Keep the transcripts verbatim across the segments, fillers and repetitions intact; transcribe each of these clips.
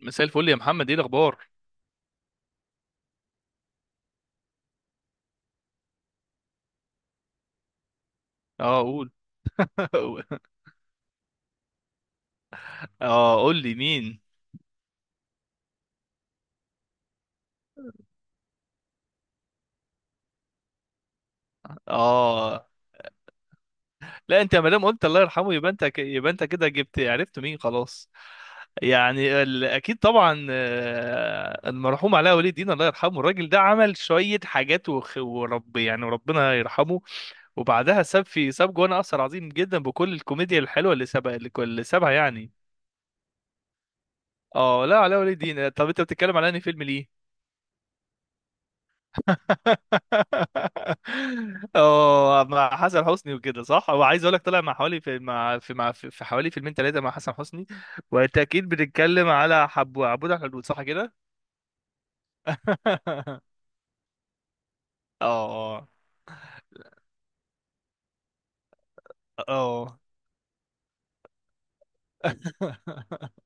مساء الفل يا محمد، ايه الاخبار؟ اه قول. اه قول لي مين. اه لا انت ما دام قلت الله يرحمه يبقى انت ك- يبقى انت كده جبت عرفت مين خلاص. يعني ال... اكيد طبعا، آه، المرحوم علاء ولي الدين الله يرحمه. الراجل ده عمل شويه حاجات وخ... ورب يعني وربنا يرحمه. وبعدها ساب في ساب جوانا اثر عظيم جدا بكل الكوميديا الحلوه اللي سابها اللي اللي سابها يعني. اه لا علاء ولي الدين، طب انت بتتكلم على انهي فيلم ليه؟ اه مع حسن حسني وكده، صح. هو عايز اقول لك طلع مع حوالي في مع في مع في في حوالي فيلمين ثلاثه مع حسن حسني. وانت اكيد بتتكلم على حب عبود على الحدود، صح كده؟ اه. اه.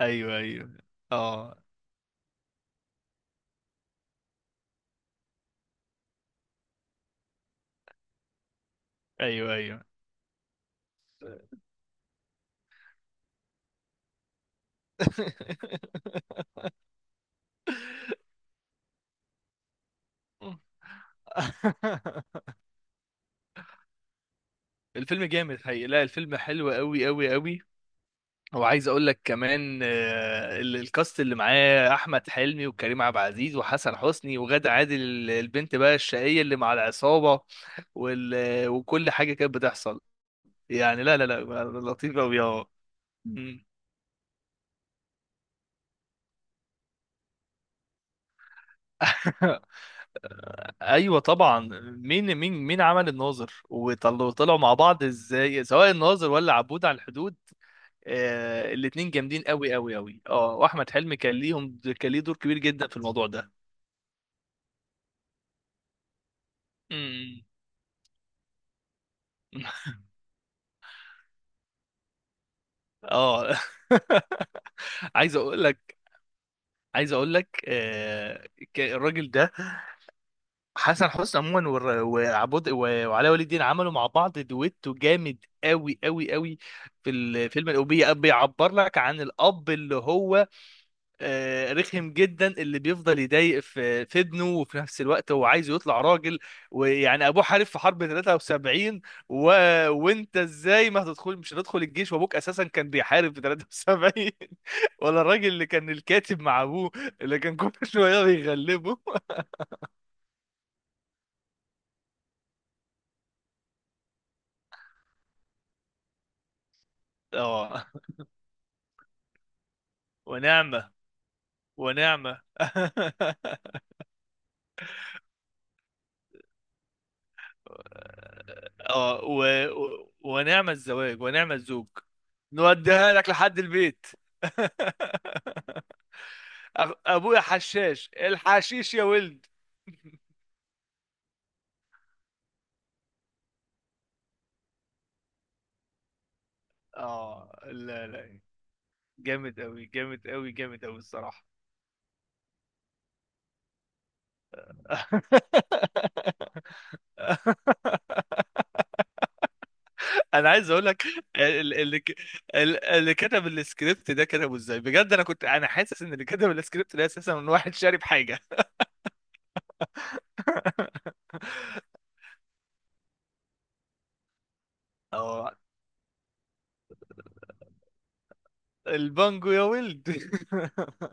ايوه ايوه. اه. ايوه ايوه. الفيلم جامد حقيقي، لا الفيلم حلو قوي قوي قوي. وعايز اقول لك كمان، آه، ال- الكاست اللي معاه احمد حلمي وكريم عبد العزيز وحسن حسني وغادة عادل، ال- البنت بقى الشقيه اللي مع العصابه. وال... آه، وكل حاجه كانت بتحصل يعني. لا لا لا لطيف قوي، اه. مم. ايوه طبعا. مين مين مين عمل الناظر وطلعوا طلعوا مع بعض ازاي، سواء الناظر ولا عبود على الحدود؟ آه الاتنين جامدين قوي قوي قوي، اه. واحمد حلمي كان ليهم كان ليه دور كبير جدا في الموضوع ده. مم. اه. عايز اقول لك عايز اقول لك، آه، ك- الراجل ده، حسن حسني عموما والر- وعبود و- وعلاء ولي الدين عملوا مع بعض دويتو جامد قوي قوي قوي. في الفيلم الأوبية بيعبر لك عن الأب اللي هو، آه، رخم جدا، اللي بيفضل يضايق في في ابنه، وفي نفس الوقت هو عايز يطلع راجل. ويعني ابوه حارب في حرب ثلاثة وسبعين. و... وانت ازاي ما هتدخل مش هتدخل الجيش وابوك اساسا كان بيحارب في ثلاثة وسبعين؟ ولا الراجل اللي كان الكاتب مع ابوه، اللي كان كل شويه بيغلبه. اه، ونعمه. ونعمه. اه و... و... ونعمه الزواج ونعمه الزوج، نوديها لك لحد البيت. أخ- ابويا حشاش الحشيش يا ولد. اه لا لا، جامد قوي جامد قوي جامد قوي الصراحه. انا عايز اقول لك، ال- اللي ك- ال- اللي كتب السكريبت ده كتبه ازاي بجد؟ انا كنت انا حاسس ان اللي كتب السكريبت ده اساسا من واحد شارب حاجه. اه، البانجو يا ولد.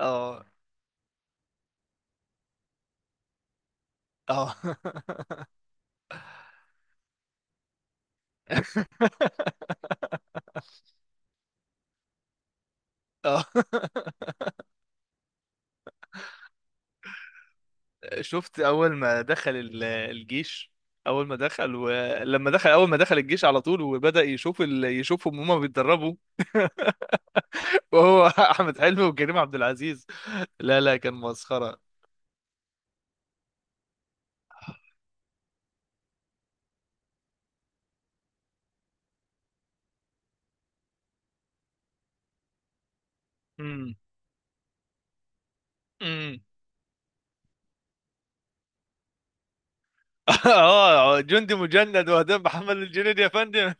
اه. اه. اه شفت اول ما دخل ال- الجيش؟ اول ما دخل ولما دخل اول ما دخل الجيش على طول وبدأ يشوف ال... يشوفهم هما بيتدربوا. وهو احمد حلمي وكريم عبد العزيز، لا لا كان مسخرة. امم. امم. اه، جندي مجند وهدام محمد الجنيدي يا فندم.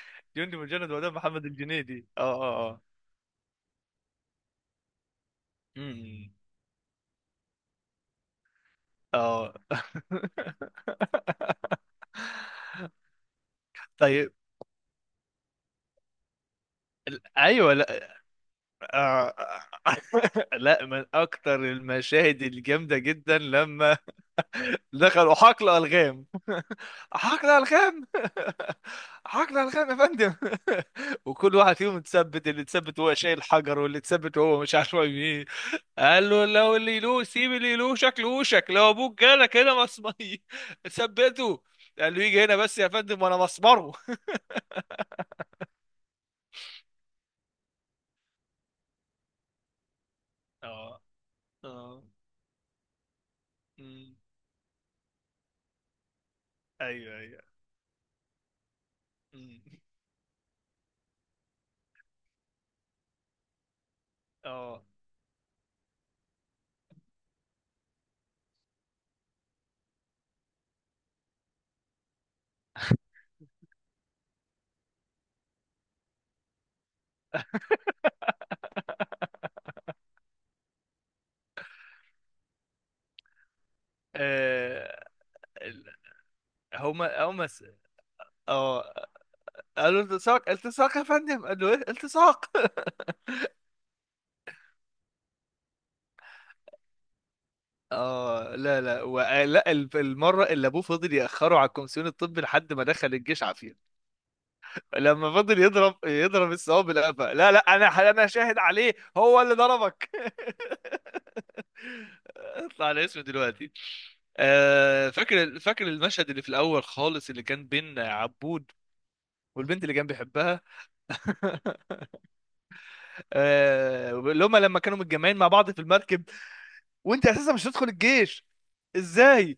جندي مجند وهدام محمد الجنيدي. اه اه اه. امم. اه. طيب ال- ايوه. آه. لا من اكتر المشاهد الجامده جدا لما دخلوا حقل الغام. حقل الغام. حقل الغام يا فندم. وكل واحد فيهم اتثبت، اللي اتثبت هو شايل حجر، واللي اتثبت هو مش عارف ايه. قال له لو اللي له سيب اللي له شكل وشك، لو ابوك جالك هنا مصمي ثبته. قال له يجي هنا بس يا فندم وانا مسمره. اه. اه. أمم. ايوه ايوه. أمم. اه. آه، ال- هما هما س- اه، قالوا التصاق التصاق يا فندم، قال له ايه التصاق. اه لا لا و... لا ال- المره اللي ابوه فضل ياخره على الكومسيون الطبي لحد ما دخل الجيش عافيه. لما فضل يضرب يضرب الثواب بالقفا، لا لا انا انا شاهد عليه هو اللي ضربك. اطلع على اسمه دلوقتي. آه فاكر فاكر المشهد اللي في الاول خالص، اللي كان بين عبود والبنت اللي كان بيحبها. آه، اللي هما لما كانوا متجمعين مع بعض في المركب، وانت اساسا مش هتدخل الجيش، ازاي؟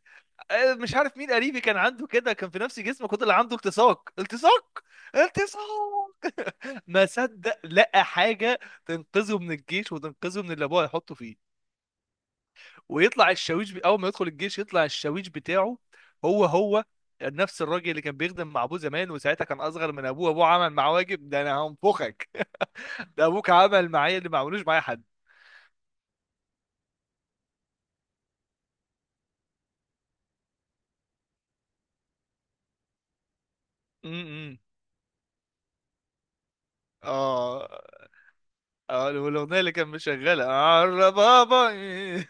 آه، مش عارف مين قريبي كان عنده كده، كان في نفس جسمك، وده اللي عنده التصاق. التصاق. التصاق. ما صدق لقى حاجه تنقذه من الجيش وتنقذه من اللي ابوه هيحطه فيه. ويطلع الشاويش ب... اول ما يدخل الجيش يطلع الشاويش بتاعه هو هو نفس الراجل اللي كان بيخدم مع ابوه زمان، وساعتها كان اصغر من ابوه. ابوه عمل معاه واجب ده، انا هنفخك. ده ابوك عمل معايا اللي ما عملوش معايا حد. م- م. اه. اه والاغنيه اللي كان مشغلها عرّ بابا إيه.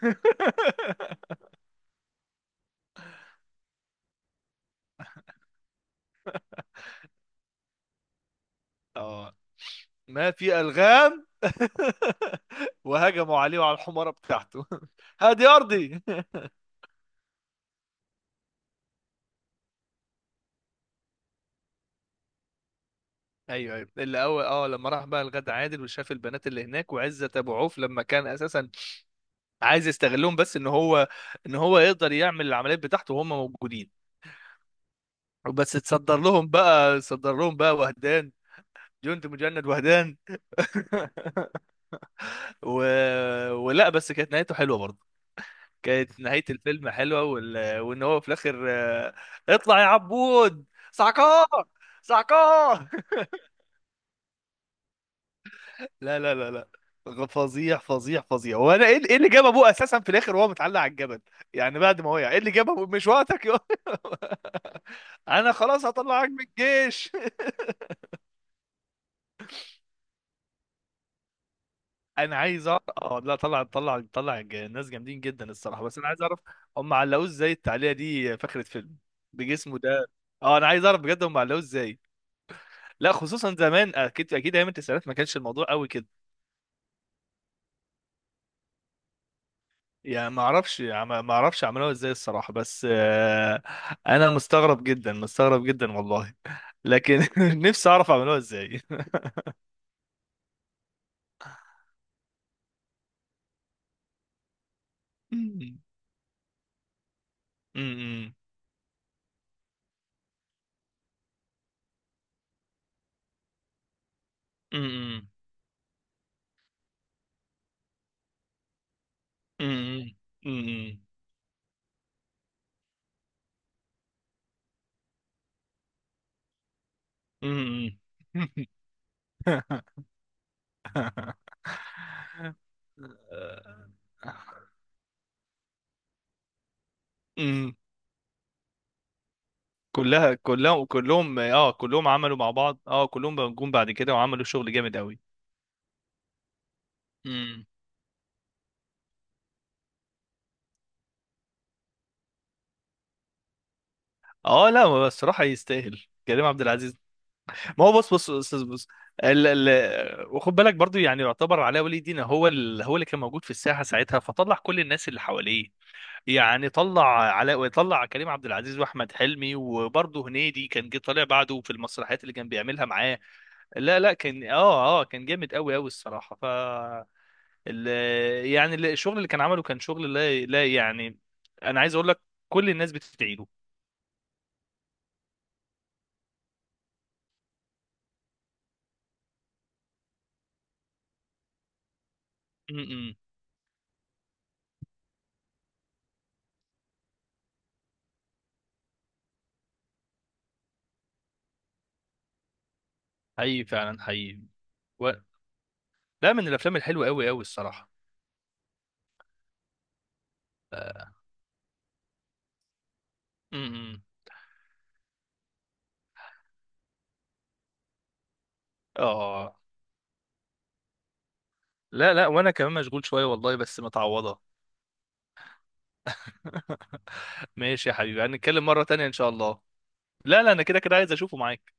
اه، ما في الغام. وهجموا عليه وعلى الحماره بتاعته. هادي ارضي. ايوه ايوه، اللي اول اه لما راح بقى الغد عادل وشاف البنات اللي هناك وعزت ابو عوف، لما كان اساسا عايز يستغلهم، بس ان هو ان هو يقدر يعمل العمليات بتاعته وهم موجودين. وبس تصدر لهم بقى، صدر لهم بقى وهدان. جند مجند وهدان. و... ولا بس كانت نهايته حلوه برضه. كانت نهاية الفيلم حلوة، وال... وان هو في الاخر، آه، اطلع يا عبود سعكار. سعكار. لا لا لا لا، فظيع فظيع فظيع. هو انا ايه، إيه اللي جاب ابوه اساسا في الاخر وهو متعلق على الجبل؟ يعني بعد ما وقع، ايه اللي جاب ابوه؟ مش وقتك يا. انا خلاص هطلعك من الجيش. انا عايز اعرف، اه لا طلع طلع طلع الج- الناس جامدين جدا الصراحة، بس انا عايز اعرف هم علقوه ازاي التعليقة دي في آخرة فيلم، بجسمه ده. اه انا عايز اعرف بجد هم علقوه ازاي. لا خصوصا زمان، اكيد اكيد ايام التسعينات ما كانش الموضوع قوي كده. يعني ما اعرفش عم- ما اعرفش عملوها ازاي الصراحه، بس آه، انا مستغرب جدا مستغرب جدا والله. لكن نفسي اعرف عملوها ازاي. أمم، أمم، أمم، أمم، أمم، أمم. أمم. كلها، كلهم كلهم اه كلهم عملوا مع بعض، اه كلهم جم بعد كده وعملوا شغل جامد قوي. أمم. اه لا هو الصراحه يستاهل، كريم عبد العزيز. ما هو بص بص بص بص، ال ال وخد بالك برضو يعني، يعتبر علاء ولي الدين هو ال هو اللي كان موجود في الساحه ساعتها، فطلع كل الناس اللي حواليه. يعني طلع علاء، وطلع كريم عبد العزيز واحمد حلمي، وبرضو هنيدي كان جه طالع بعده في المسرحيات اللي كان بيعملها معاه. لا لا كان اه اه كان جامد قوي قوي الصراحه. ف ال يعني ال- الشغل اللي كان عمله كان شغل لا لا يعني، انا عايز اقول لك، كل الناس بتدعي له. م- م. حقيقي فعلا حقيقي. و... لا من الافلام الحلوه قوي قوي الصراحه. امم. اه لا لا، وانا كمان مشغول شويه والله بس متعوضه. ماشي يا حبيبي، هنتكلم مره تانية ان شاء الله. لا لا انا كده كده عايز اشوفه معاك.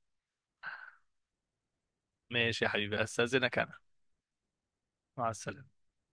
ماشي يا حبيبي استاذنك انا. مع السلامه.